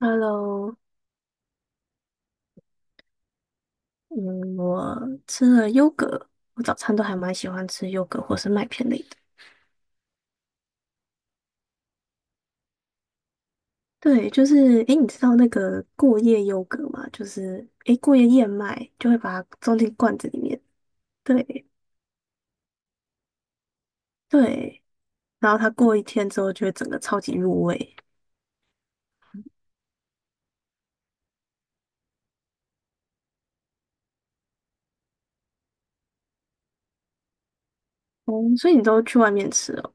Hello，嗯，我吃了优格，我早餐都还蛮喜欢吃优格或是麦片类的。对，就是，诶，你知道那个过夜优格吗？就是，诶，过夜燕麦就会把它装进罐子里面。对对，然后它过一天之后就会整个超级入味。哦，所以你都去外面吃哦。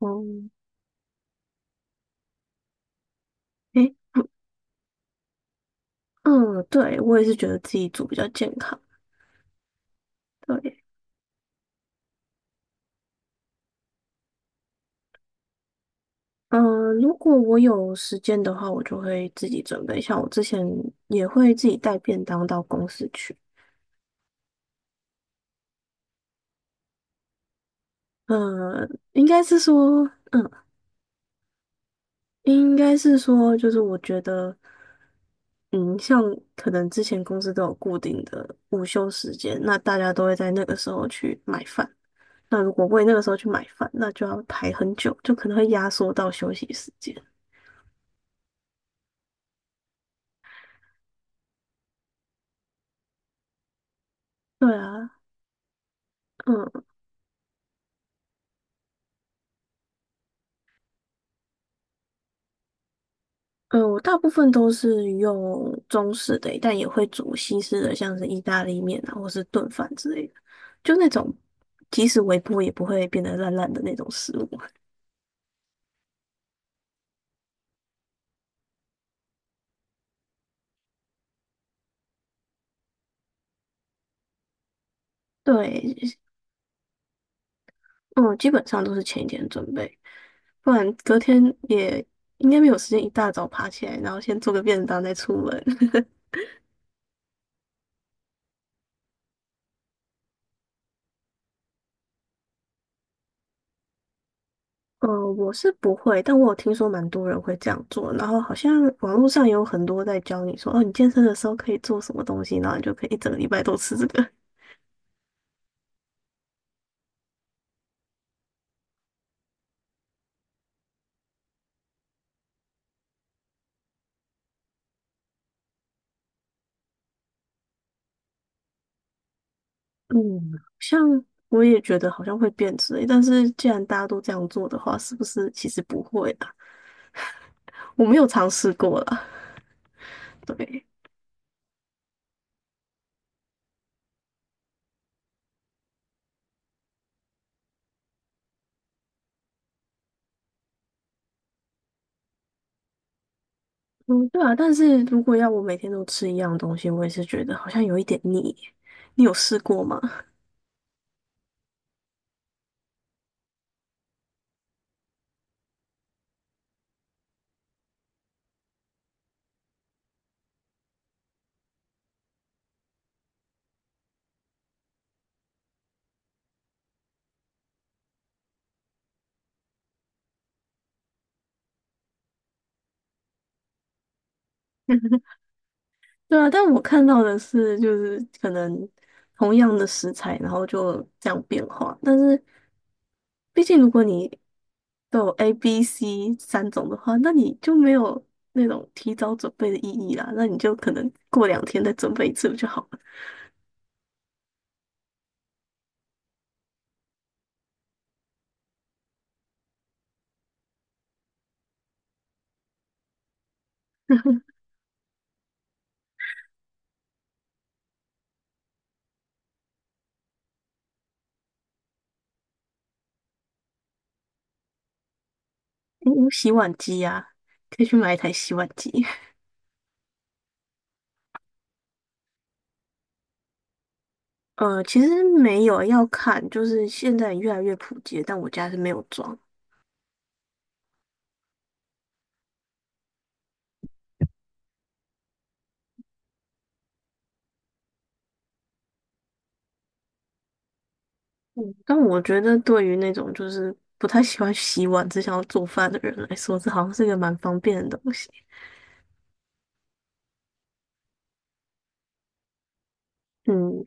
哦，诶，嗯，嗯对，我也是觉得自己煮比较健康。对。如果我有时间的话，我就会自己准备。像我之前也会自己带便当到公司去。嗯，应该是说，嗯，应该是说，就是我觉得，嗯，像可能之前公司都有固定的午休时间，那大家都会在那个时候去买饭。那如果为那个时候去买饭，那就要排很久，就可能会压缩到休息时间。对啊，嗯。嗯，我大部分都是用中式的，但也会煮西式的，像是意大利面啊，或是炖饭之类的，就那种即使微波也不会变得烂烂的那种食物。对，嗯，基本上都是前一天准备，不然隔天也应该没有时间一大早爬起来，然后先做个便当再出门。嗯，我是不会，但我有听说蛮多人会这样做，然后好像网络上也有很多在教你说，哦，你健身的时候可以做什么东西，然后你就可以一整个礼拜都吃这个。嗯，好像我也觉得好像会变质欸，但是既然大家都这样做的话，是不是其实不会啊？我没有尝试过啦，对，嗯，对啊，但是如果要我每天都吃一样东西，我也是觉得好像有一点腻。你有试过吗？对啊，但我看到的是，就是可能同样的食材，然后就这样变化，但是。毕竟如果你都有 A、B、C 三种的话，那你就没有那种提早准备的意义啦。那你就可能过两天再准备一次不就好了？诶有洗碗机呀、可以去买一台洗碗机。其实没有要看，就是现在越来越普及，但我家是没有装。嗯，但我觉得对于那种就是不太喜欢洗碗、只想要做饭的人来说，这好像是一个蛮方便的东西。嗯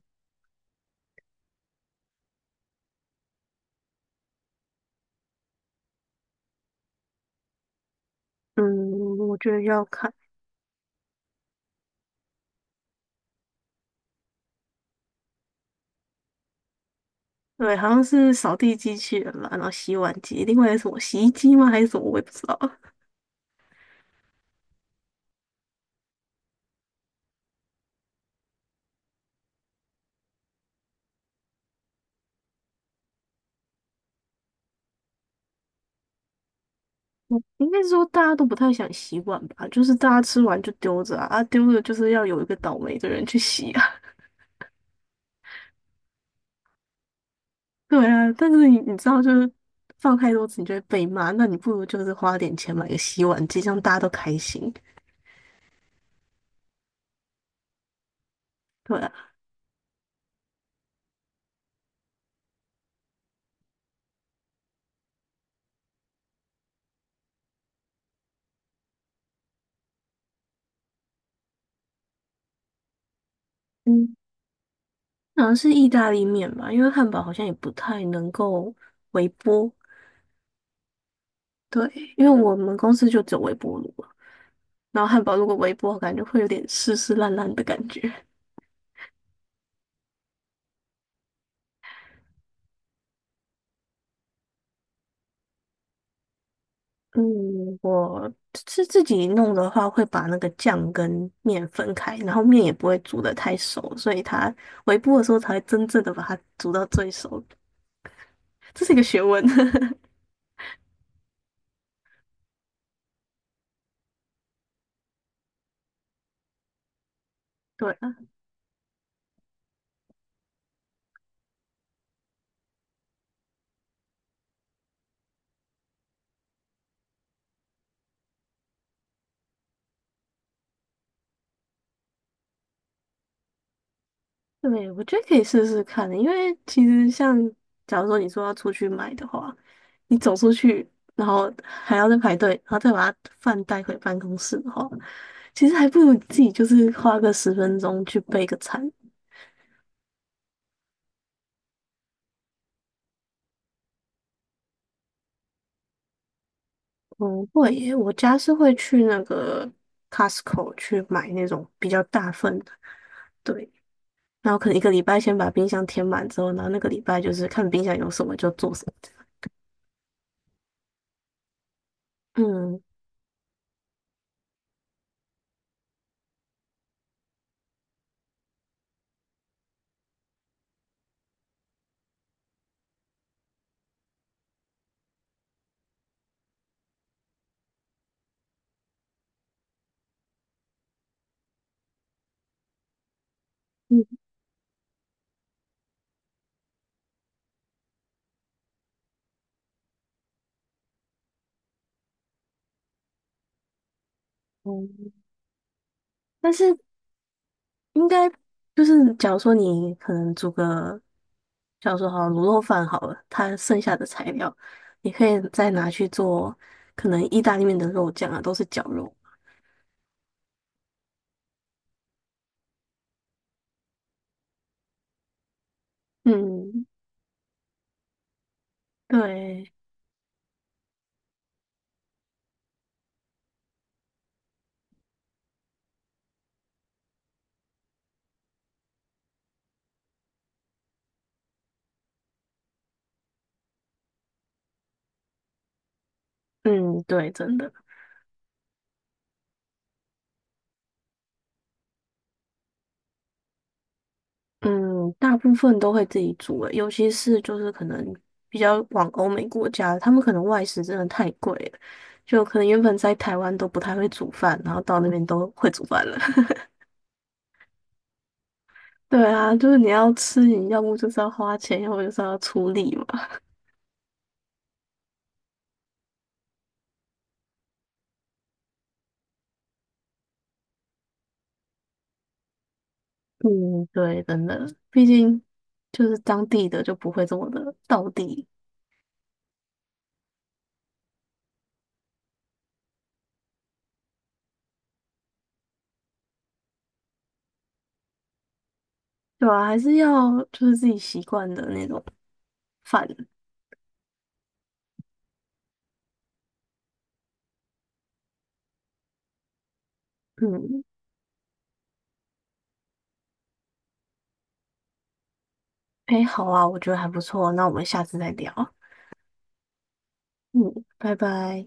嗯，我觉得要看。对，好像是扫地机器人吧，然后洗碗机，另外是什么洗衣机吗？还是什么？我也不知道。应该是说大家都不太想洗碗吧，就是大家吃完就丢着啊，啊丢着就是要有一个倒霉的人去洗啊。对啊，但是你知道，就是放太多次你就会被骂，那你不如就是花点钱买个洗碗机，这样大家都开心。对啊，嗯，好像是意大利面吧，因为汉堡好像也不太能够微波。对，因为我们公司就只有微波炉。然后汉堡如果微波，感觉会有点湿湿烂烂的感觉。嗯，我是自己弄的话，会把那个酱跟面分开，然后面也不会煮得太熟，所以它微波的时候才会真正的把它煮到最熟。这是一个学问。对，对，我觉得可以试试看的，因为其实像假如说你说要出去买的话，你走出去，然后还要再排队，然后再把它饭带回办公室的话，其实还不如自己就是花个10分钟去备个餐。嗯，会耶，我家是会去那个 Costco 去买那种比较大份的，对，然后可能一个礼拜先把冰箱填满之后，然后那个礼拜就是看冰箱有什么就做什么这样嗯。嗯，嗯，但是应该就是假如说你可能煮个，假如说好卤肉饭好了，它剩下的材料，你可以再拿去做可能意大利面的肉酱啊，都是绞肉。嗯，对，嗯，对，真的，嗯，大部分都会自己煮诶，尤其是就是可能比较往欧美国家，他们可能外食真的太贵了，就可能原本在台湾都不太会煮饭，然后到那边都会煮饭了。对啊，就是你要吃，你要么就是要花钱，要么就是要出力嘛。嗯，对，真的，毕竟就是当地的就不会这么的到地，对啊，还是要就是自己习惯的那种饭。嗯，诶，好啊，我觉得还不错，那我们下次再聊。嗯，拜拜。